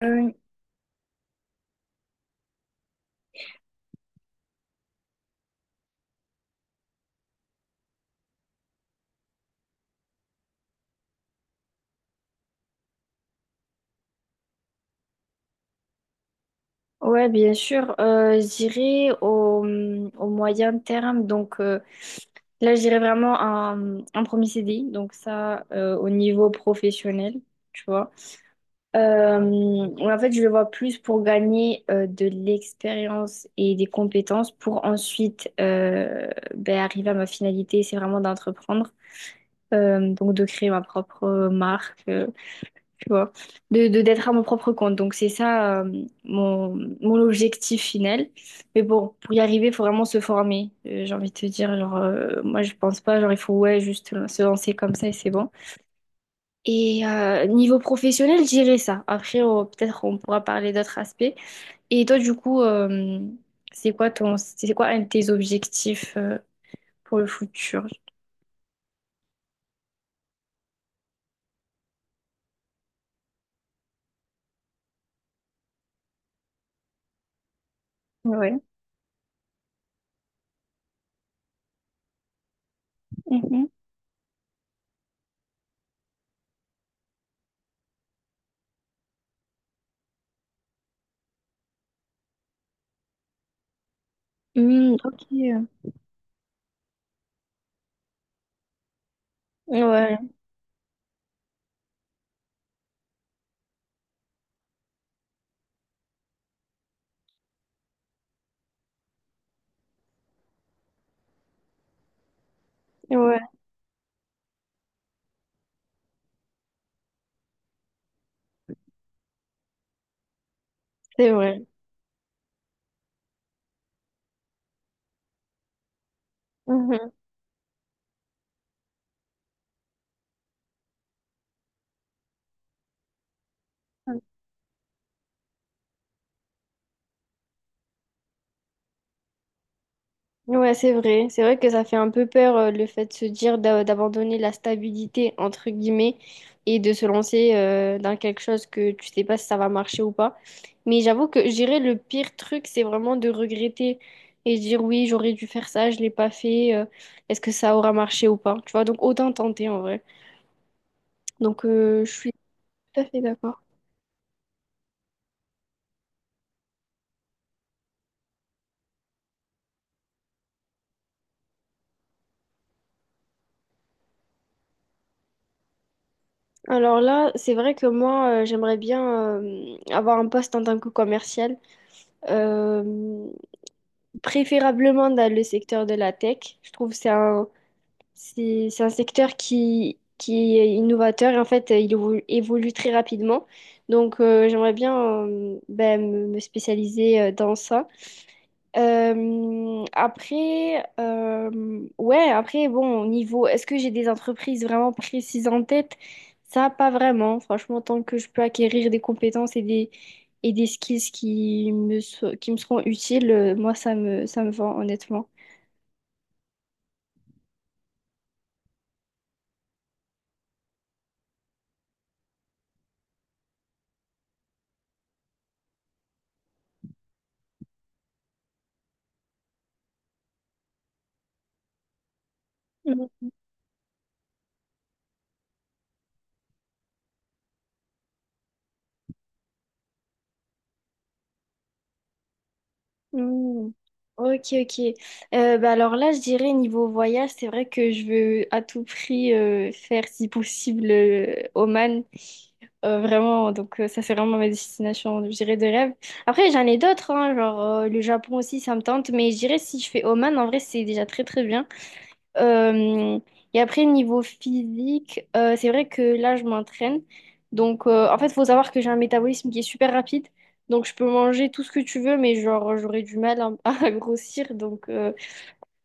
Oui, ouais, bien sûr. J'irai au, au moyen terme. Là, j'irai vraiment un premier CDI. Donc ça, au niveau professionnel, tu vois. Ouais, en fait, je le vois plus pour gagner de l'expérience et des compétences pour ensuite arriver à ma finalité. C'est vraiment d'entreprendre. Donc de créer ma propre marque. Tu vois, d'être à mon propre compte. Donc c'est ça mon objectif final. Mais bon, pour y arriver, il faut vraiment se former. J'ai envie de te dire, genre, moi je pense pas, genre il faut ouais, juste se lancer comme ça et c'est bon. Et niveau professionnel, j'irai ça. Après, peut-être on pourra parler d'autres aspects. Et toi, du coup, c'est quoi c'est quoi un de tes objectifs pour le futur? Ouais. Mhm. Hmm, ok. Ouais, ouais, c'est vrai. Mm-hmm. Ouais, c'est vrai. C'est vrai que ça fait un peu peur le fait de se dire d'abandonner la stabilité, entre guillemets, et de se lancer dans quelque chose que tu sais pas si ça va marcher ou pas. Mais j'avoue que je dirais le pire truc, c'est vraiment de regretter et dire oui, j'aurais dû faire ça, je l'ai pas fait, est-ce que ça aura marché ou pas? Tu vois, donc autant tenter en vrai. Je suis tout à fait d'accord. Alors là, c'est vrai que moi, j'aimerais bien avoir un poste en tant que commercial. Euh, Préférablement dans le secteur de la tech. Je trouve que c'est un secteur qui est innovateur et en fait, il évolue très rapidement. Donc, j'aimerais bien me spécialiser dans ça. Ouais, après, bon, au niveau, est-ce que j'ai des entreprises vraiment précises en tête? Ça, pas vraiment. Franchement, tant que je peux acquérir des compétences et des skills qui me, qui me seront utiles, moi, ça me va, honnêtement. Mm, mm. Ok, ok. Bah alors là, je dirais niveau voyage, c'est vrai que je veux à tout prix faire, si possible, Oman. Vraiment, ça, c'est vraiment ma destination, je dirais, de rêve. Après, j'en ai d'autres, hein, genre le Japon aussi, ça me tente, mais je dirais si je fais Oman, en vrai, c'est déjà très très bien. Euh, et après, niveau physique, c'est vrai que là, je m'entraîne. Donc, en fait, il faut savoir que j'ai un métabolisme qui est super rapide. Donc, je peux manger tout ce que tu veux, mais genre, j'aurais du mal à, à grossir. Donc, euh,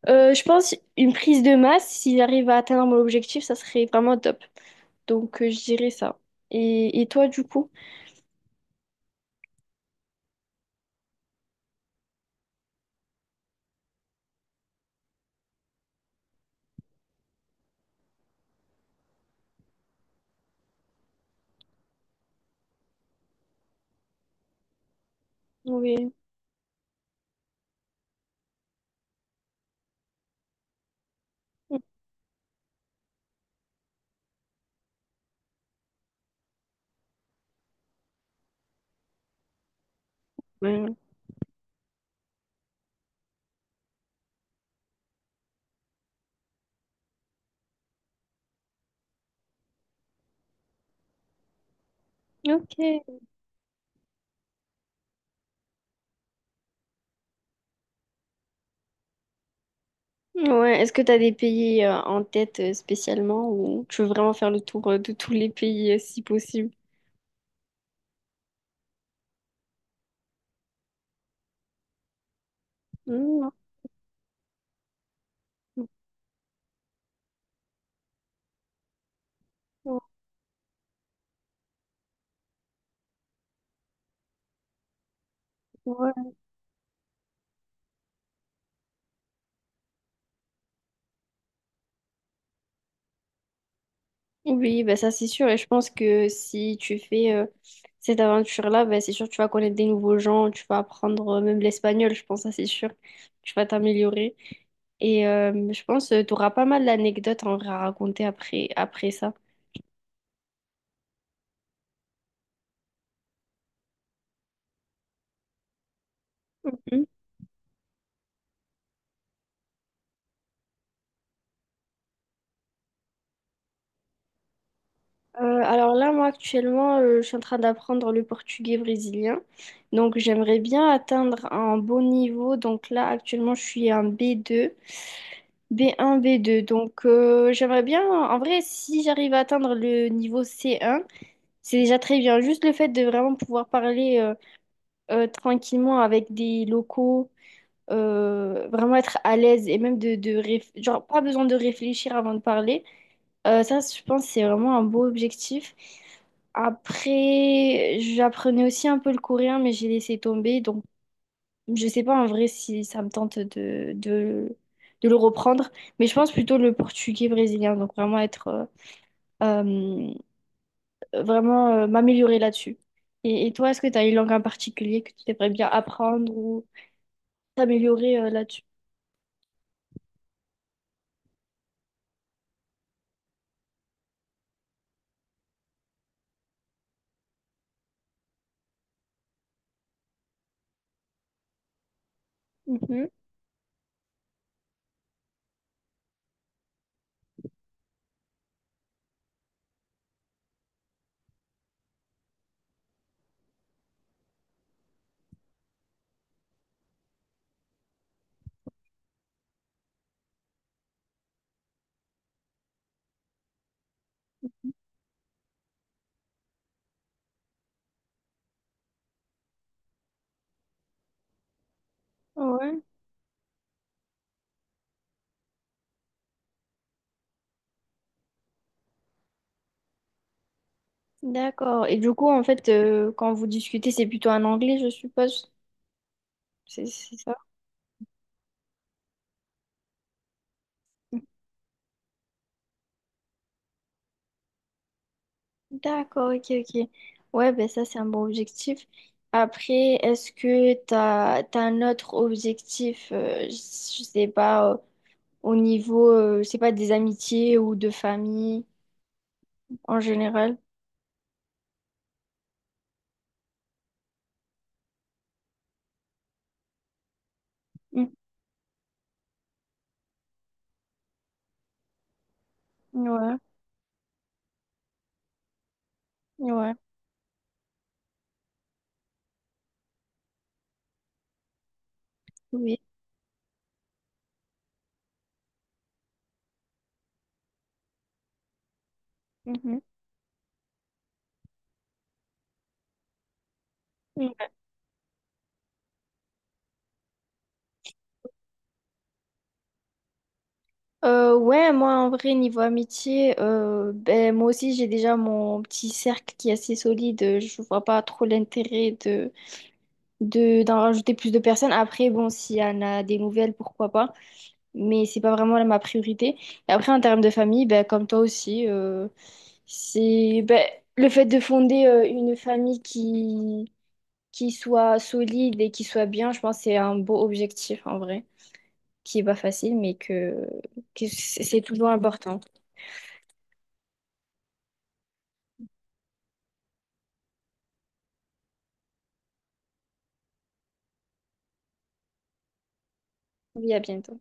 euh, je pense une prise de masse, si j'arrive à atteindre mon objectif, ça serait vraiment top. Donc, je dirais ça. Et toi, du coup? Oui. Ouais. Ok. Ouais. Est-ce que tu as des pays en tête spécialement ou tu veux vraiment faire le tour de tous les pays si possible? Mmh. Mmh, mmh, Ouais. Oui, ben ça c'est sûr. Et je pense que si tu fais cette aventure-là, ben c'est sûr que tu vas connaître des nouveaux gens, tu vas apprendre même l'espagnol, je pense, ça c'est sûr. Tu vas t'améliorer. Et je pense que tu auras pas mal d'anecdotes en vrai à raconter après, après ça. Mhm. Alors là, moi actuellement, je suis en train d'apprendre le portugais brésilien. Donc j'aimerais bien atteindre un bon niveau. Donc là, actuellement, je suis un B2. B1, B2. Donc, j'aimerais bien, en vrai, si j'arrive à atteindre le niveau C1, c'est déjà très bien. Juste le fait de vraiment pouvoir parler tranquillement avec des locaux, vraiment être à l'aise et même de genre, pas besoin de réfléchir avant de parler. Ça, je pense, c'est vraiment un beau objectif. Après, j'apprenais aussi un peu le coréen, mais j'ai laissé tomber. Donc, je sais pas en vrai si ça me tente de le reprendre, mais je pense plutôt le portugais brésilien, donc vraiment être vraiment m'améliorer là-dessus. Et toi, est-ce que tu as une langue en particulier que tu aimerais bien apprendre ou t'améliorer là-dessus? Mhm. Ouais, d'accord. Et du coup, en fait, quand vous discutez, c'est plutôt en anglais, je suppose. C'est ça? D'accord, ok, ok. Ouais, ben ça, c'est un bon objectif. Après, est-ce que t'as un autre objectif, je sais pas, au niveau, je sais pas, des amitiés ou de famille en général? Mm. Ouais, ouais, oui. Mhm. Mm. Ouais, moi, en vrai, niveau amitié, moi aussi, j'ai déjà mon petit cercle qui est assez solide. Je vois pas trop l'intérêt d'en rajouter plus de personnes. Après, bon, s'il y en a des nouvelles, pourquoi pas. Mais c'est pas vraiment là ma priorité. Et après, en termes de famille, ben, comme toi aussi, c'est ben, le fait de fonder une famille qui soit solide et qui soit bien, je pense que c'est un beau objectif en vrai, qui est pas facile, mais que c'est toujours important. Oui, à bientôt.